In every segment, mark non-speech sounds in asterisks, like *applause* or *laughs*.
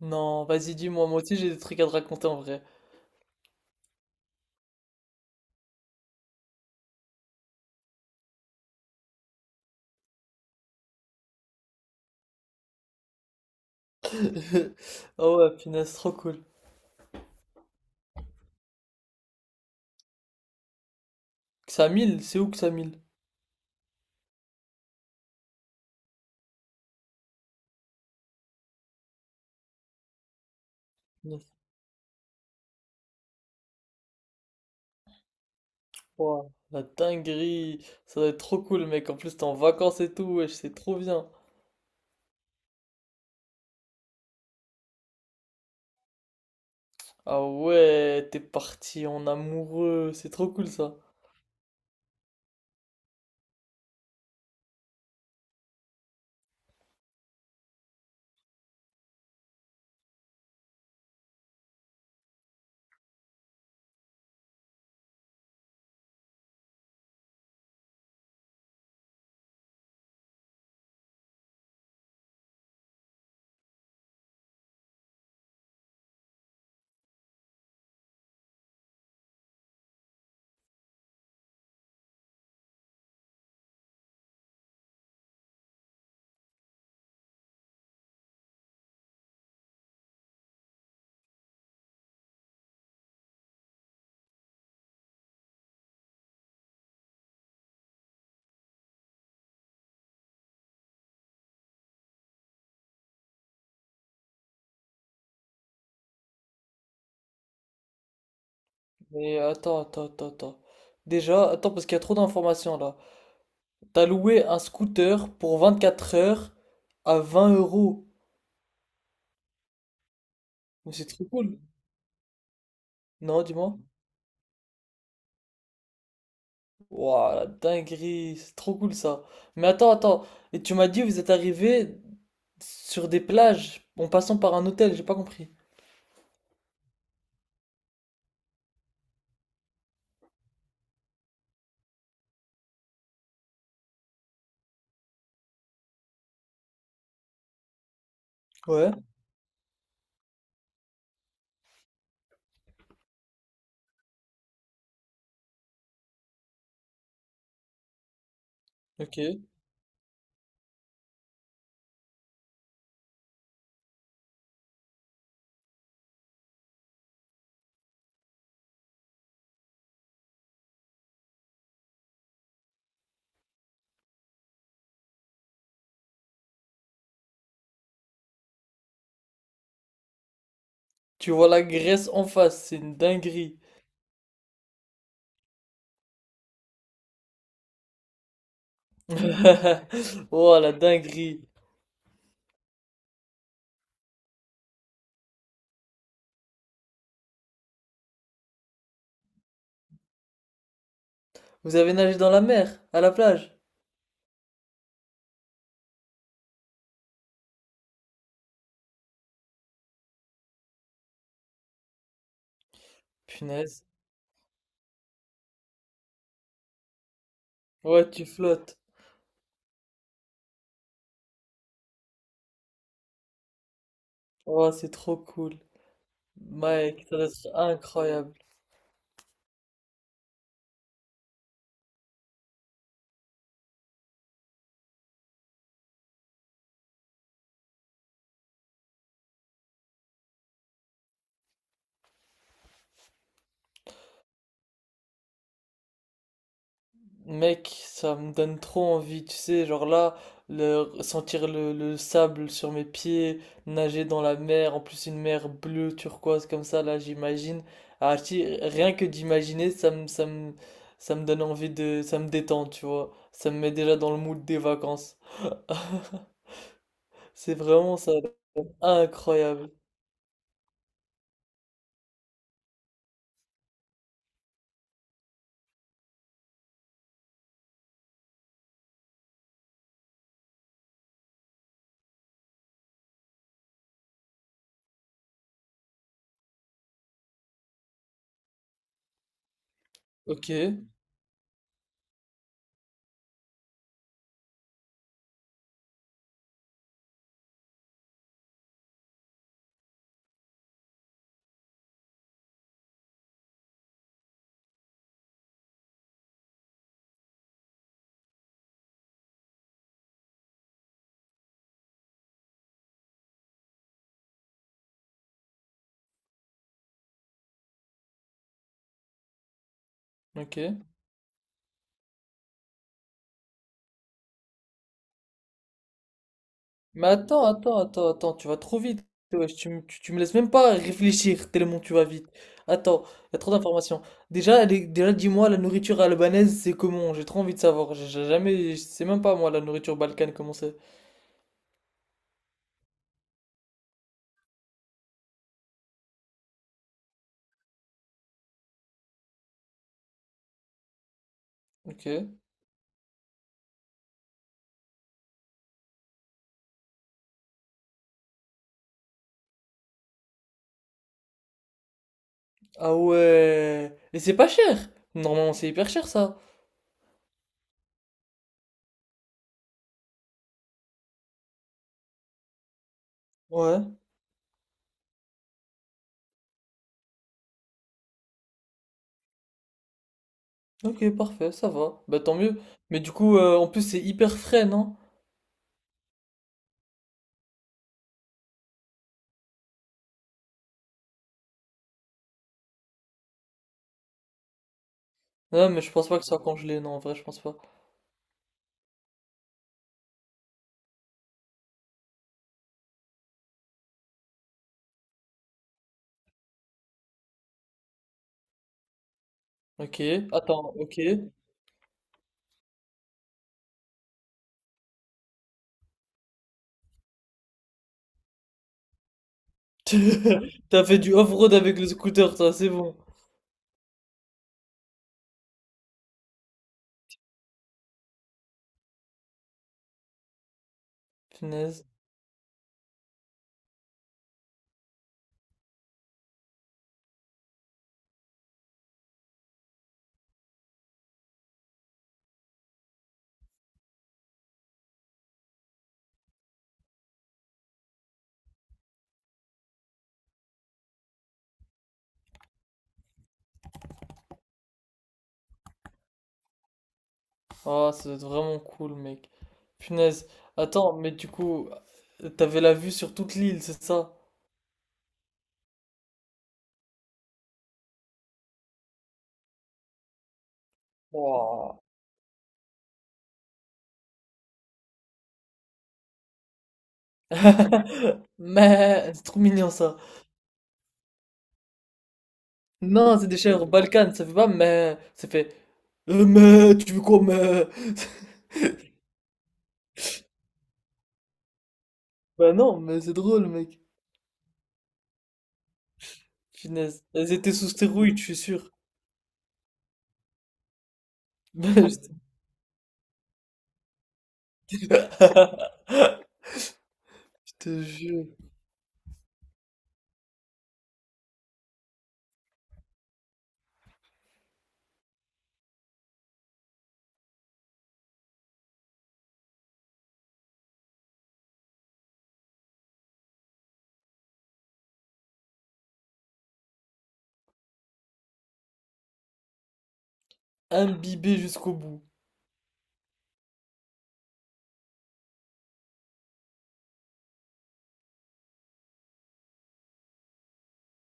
Non, vas-y, dis-moi, moi aussi j'ai des trucs à te raconter en vrai. *laughs* Ah ouais, punaise, trop cool. Xamil, c'est où Xamil? Punaise, ouah, la dinguerie, ça doit être trop cool, mec. En plus, t'es en vacances et tout, wesh, c'est trop bien. Ah ouais, t'es parti en amoureux, c'est trop cool ça. Mais attends. Déjà, attends, parce qu'il y a trop d'informations là. T'as loué un scooter pour 24 heures à 20 euros. Mais c'est trop cool. Non, dis-moi. Waouh, la dinguerie, c'est trop cool ça. Mais attends, et tu m'as dit vous êtes arrivé sur des plages en passant par un hôtel, j'ai pas compris. Ouais, ok. Tu vois la Grèce en face, c'est une dinguerie. *laughs* Oh, la dinguerie. Vous avez nagé dans la mer, à la plage. Punaise. Ouais, tu flottes. Oh, c'est trop cool. Mike, ça doit être incroyable. Mec, ça me donne trop envie, tu sais, genre là, sentir le sable sur mes pieds, nager dans la mer, en plus une mer bleue turquoise comme ça, là, j'imagine. Ah, si, rien que d'imaginer, ça me donne envie de, ça me détend, tu vois. Ça me met déjà dans le mood des vacances. *laughs* C'est vraiment ça, incroyable. Ok, ok. Mais attends, tu vas trop vite. Wesh, tu me laisses même pas réfléchir tellement tu vas vite. Attends, il y a trop d'informations. Déjà, déjà dis-moi, la nourriture albanaise, c'est comment? J'ai trop envie de savoir. J'ai jamais, je sais même pas moi la nourriture balkane comment c'est. Ok. Ah ouais. Et c'est pas cher. Normalement, c'est hyper cher ça. Ouais. Ok, parfait, ça va. Bah tant mieux. Mais du coup, en plus, c'est hyper frais, non? Non, mais je pense pas que ça soit congelé, non, en vrai, je pense pas. Ok, attends, ok. *laughs* T'as fait du off-road avec le scooter, toi, c'est bon. Punaise. Oh, ça doit être vraiment cool, mec. Punaise. Attends, mais du coup, t'avais la vue sur toute l'île, c'est ça? Wow. *laughs* Mais c'est trop mignon ça. Non, c'est des chèvres Balkans, ça fait pas mais, ça fait mais, tu veux quoi mais? *laughs* Bah non, mais c'est drôle, mec. Punaise. Elles étaient sous stéroïdes, je suis sûr. *laughs* Je te *laughs* je te jure. *laughs* Imbibé jusqu'au bout.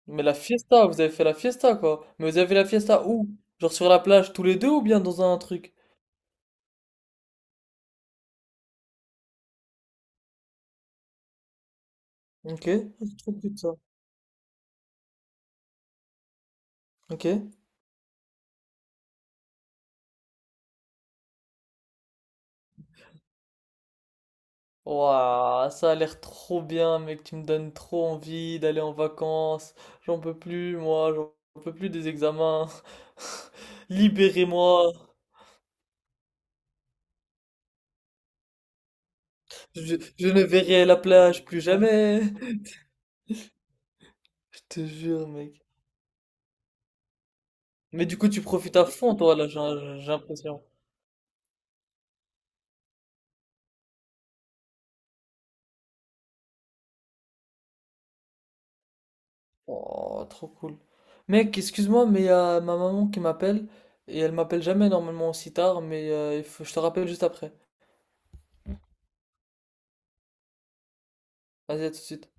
Mais la fiesta, vous avez fait la fiesta quoi. Mais vous avez fait la fiesta où? Genre sur la plage tous les deux ou bien dans un truc? Ok, c'est trop cool ça. Ok. Waouh, ça a l'air trop bien, mec. Tu me donnes trop envie d'aller en vacances. J'en peux plus, moi. J'en peux plus des examens. *laughs* Libérez-moi. Je ne verrai la plage plus jamais. *laughs* Je te jure, mec. Mais du coup, tu profites à fond, toi, là, j'ai l'impression. Oh, trop cool. Mec, excuse-moi, mais il y a ma maman qui m'appelle et elle m'appelle jamais normalement aussi tard, mais je te rappelle juste après. Vas-y, à tout de suite.